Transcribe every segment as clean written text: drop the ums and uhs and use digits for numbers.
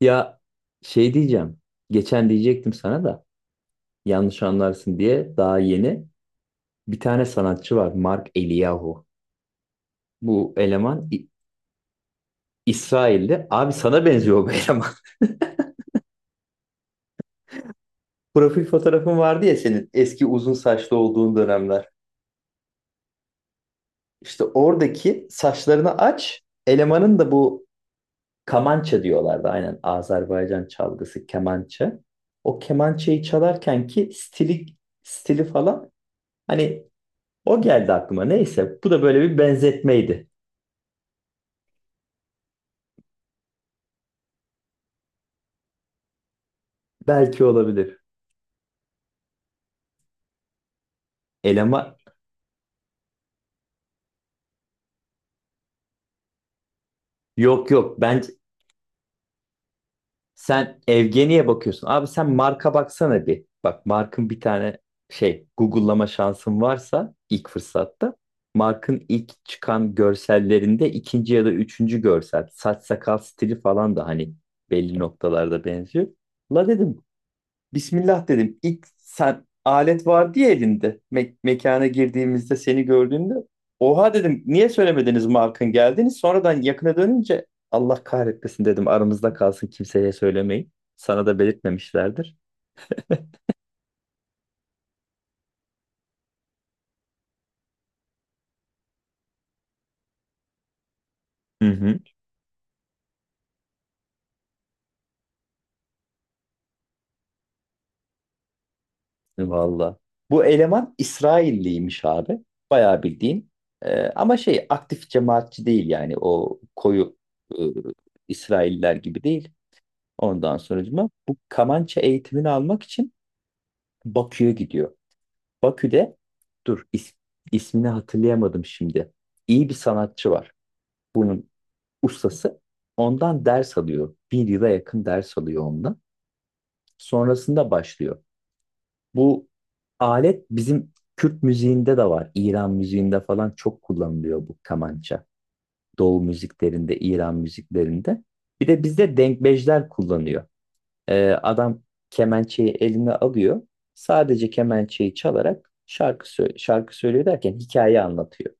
Ya diyeceğim. Geçen diyecektim sana da yanlış anlarsın diye daha yeni bir tane sanatçı var, Mark Eliyahu. Bu eleman İsrailli. Abi sana benziyor bu eleman. Profil fotoğrafın vardı ya, senin eski uzun saçlı olduğun dönemler. İşte oradaki saçlarını aç. Elemanın da bu kamança diyorlardı. Aynen Azerbaycan çalgısı kemança. O kemançayı çalarken ki stili, stili falan Hani o geldi aklıma. Neyse, bu da böyle bir benzetmeydi. Belki olabilir. Elema Yok yok, ben sen Evgeni'ye bakıyorsun. Abi sen marka baksana bir. Bak markın bir tane Google'lama şansın varsa, ilk fırsatta markın ilk çıkan görsellerinde ikinci ya da üçüncü görsel, saç sakal stili falan da hani belli noktalarda benziyor. La dedim, Bismillah dedim. İlk sen, alet vardı ya elinde. Mekana girdiğimizde seni gördüğümde. Oha dedim. Niye söylemediniz markın geldiniz? Sonradan yakına dönünce, Allah kahretmesin dedim. Aramızda kalsın, kimseye söylemeyin. Sana da belirtmemişlerdir. Hı hı. Valla. Bu eleman İsrailliymiş abi. Bayağı bildiğin. Ama şey aktif cemaatçi değil, yani o koyu e, İsrailler gibi değil. Ondan sonucuma bu kamança eğitimini almak için Bakü'ye gidiyor. Bakü'de dur is- ismini hatırlayamadım şimdi. İyi bir sanatçı var. Bunun ustası. Ondan ders alıyor. Bir yıla yakın ders alıyor ondan. Sonrasında başlıyor. Bu alet bizim Kürt müziğinde de var. İran müziğinde falan çok kullanılıyor bu kamança. Doğu müziklerinde, İran müziklerinde. Bir de bizde denkbejler kullanıyor. Adam kemençeyi eline alıyor. Sadece kemençeyi çalarak şarkı söylüyor derken hikaye anlatıyor.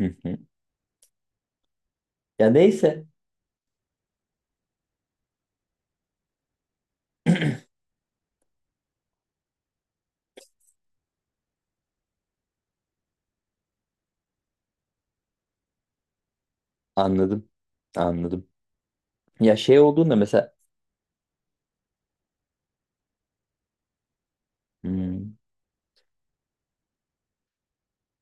Hı hı. Ya neyse, anladım. Anladım. Ya şey olduğunda mesela hmm,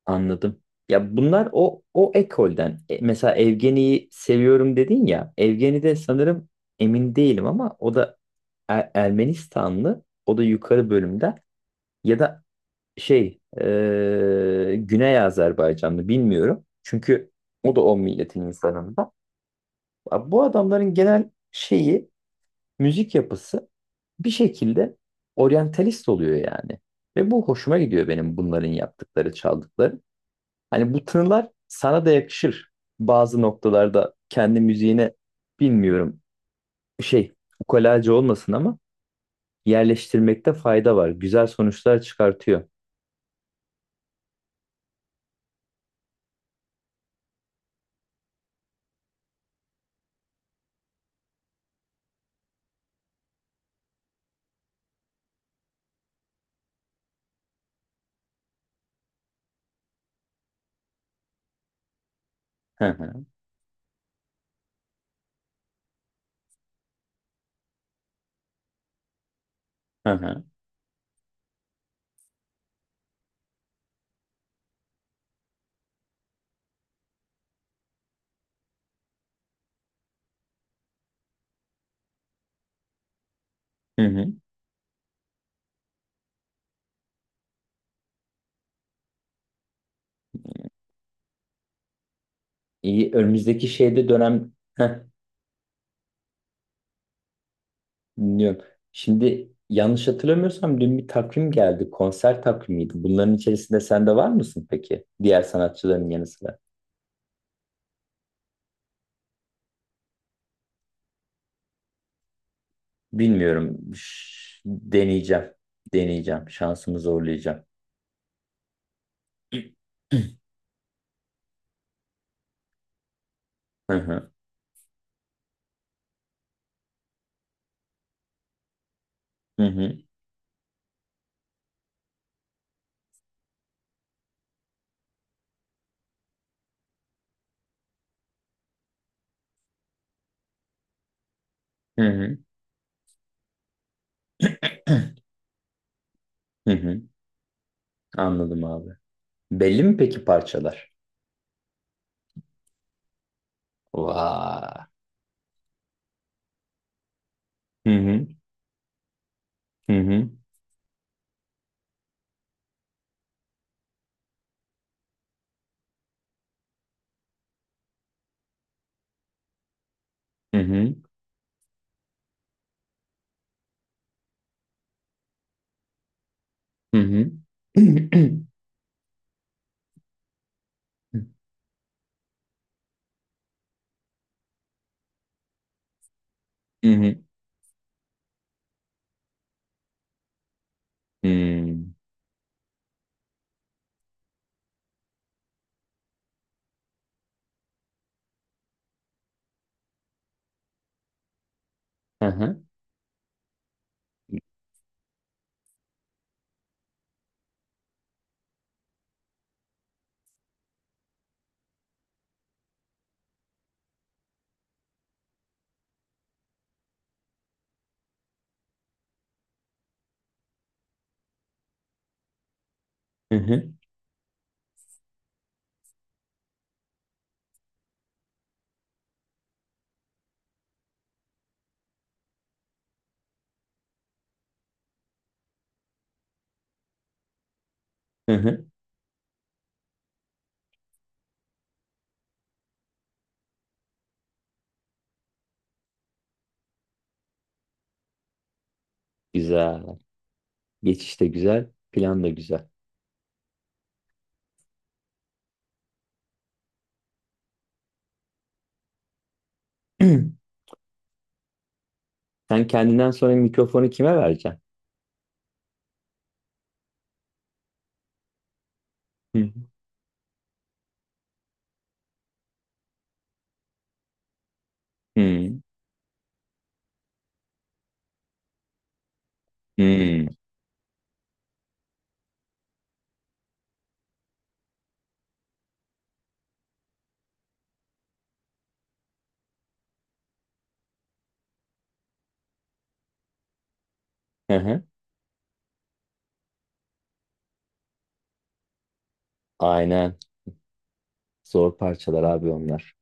anladım. Ya, bunlar o ekolden. E, mesela Evgeni'yi seviyorum dedin ya. Evgeni de sanırım, emin değilim ama, o da Ermenistanlı. O da yukarı bölümde. Ya da Güney Azerbaycanlı, bilmiyorum. Çünkü o da o milletin insanında. Bu adamların genel şeyi, müzik yapısı bir şekilde oryantalist oluyor yani. Ve bu hoşuma gidiyor, benim bunların yaptıkları, çaldıkları. Hani bu tınılar sana da yakışır. Bazı noktalarda kendi müziğine, bilmiyorum, şey ukalacı olmasın ama, yerleştirmekte fayda var. Güzel sonuçlar çıkartıyor. Hı hı hı hı. Hı hı. İyi, önümüzdeki dönem. Heh, dinliyorum. Şimdi yanlış hatırlamıyorsam dün bir takvim geldi. Konser takvimiydi. Bunların içerisinde sen de var mısın peki? Diğer sanatçıların yanı sıra. Bilmiyorum. Deneyeceğim. Deneyeceğim. Şansımı zorlayacağım. Hı hı. Hı hı. Hı hı. Hı hı. Anladım abi. Belli mi peki parçalar? Vay. Hı hı. Hı hı. Hı hı. Hı hı. Hı hı. Hı. Hı hı. Hı hı, hı hı. Güzel. Geçiş de güzel. Plan da güzel. Sen kendinden sonra mikrofonu kime vereceksin? Hı hı, hı hı, hı, hı. Aynen. Zor parçalar abi onlar.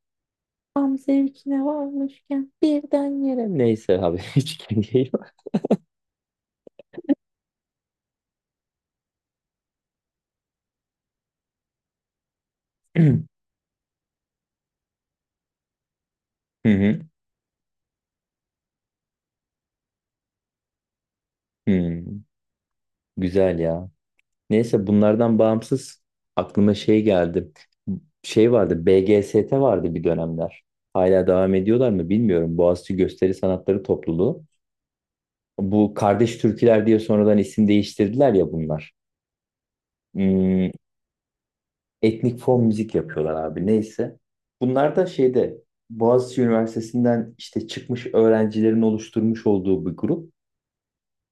Tam zevkine varmışken birden yere. Neyse abi, hiç kendine hı hı, hı, güzel ya. Neyse, bunlardan bağımsız aklıma şey geldi. Şey vardı, BGST vardı bir dönemler. Hala devam ediyorlar mı bilmiyorum. Boğaziçi Gösteri Sanatları Topluluğu. Bu Kardeş Türküler diye sonradan isim değiştirdiler ya bunlar. Hmm, etnik fon müzik yapıyorlar abi, neyse. Bunlar da Boğaziçi Üniversitesi'nden işte çıkmış öğrencilerin oluşturmuş olduğu bir grup.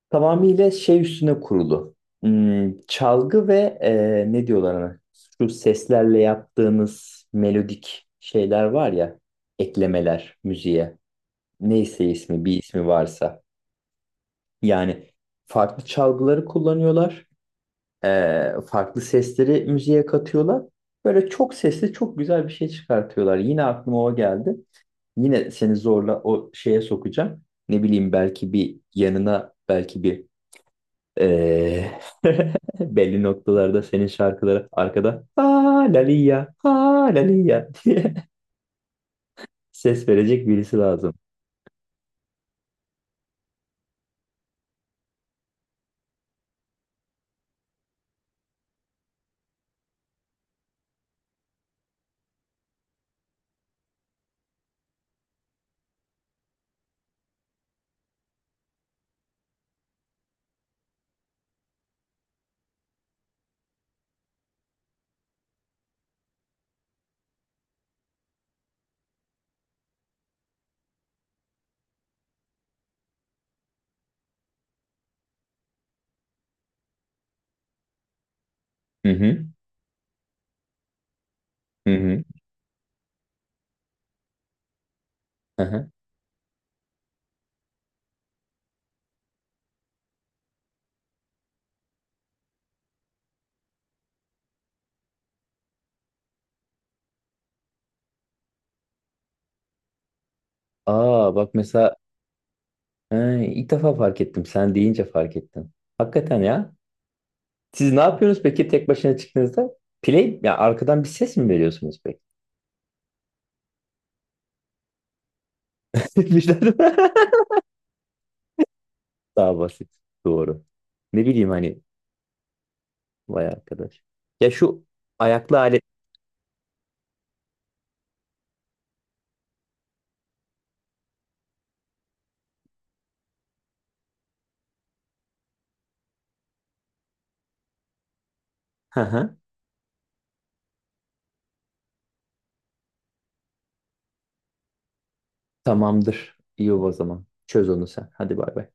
Tamamıyla üstüne kurulu. Hmm, çalgı ve ne diyorlar ona? Şu seslerle yaptığınız melodik şeyler var ya, eklemeler müziğe. Neyse ismi, bir ismi varsa. Yani farklı çalgıları kullanıyorlar. Farklı sesleri müziğe katıyorlar. Böyle çok sesli çok güzel bir şey çıkartıyorlar. Yine aklıma o geldi. Yine seni zorla o şeye sokacağım. Ne bileyim, belki bir yanına, belki bir e, belli noktalarda senin şarkılara arkada "ha laliya ha laliya" diye ses verecek birisi lazım. Hı hı hı hı. Aha. Aa bak mesela, ha, ilk defa fark ettim. Sen deyince fark ettim. Hakikaten ya. Siz ne yapıyorsunuz peki tek başına çıktığınızda? Play, ya arkadan bir ses mi veriyorsunuz peki? Birden- Daha basit. Doğru. Ne bileyim hani, vay arkadaş. Ya şu ayaklı alet. Hı hı. Tamamdır. İyi o zaman. Çöz onu sen. Hadi bay bay.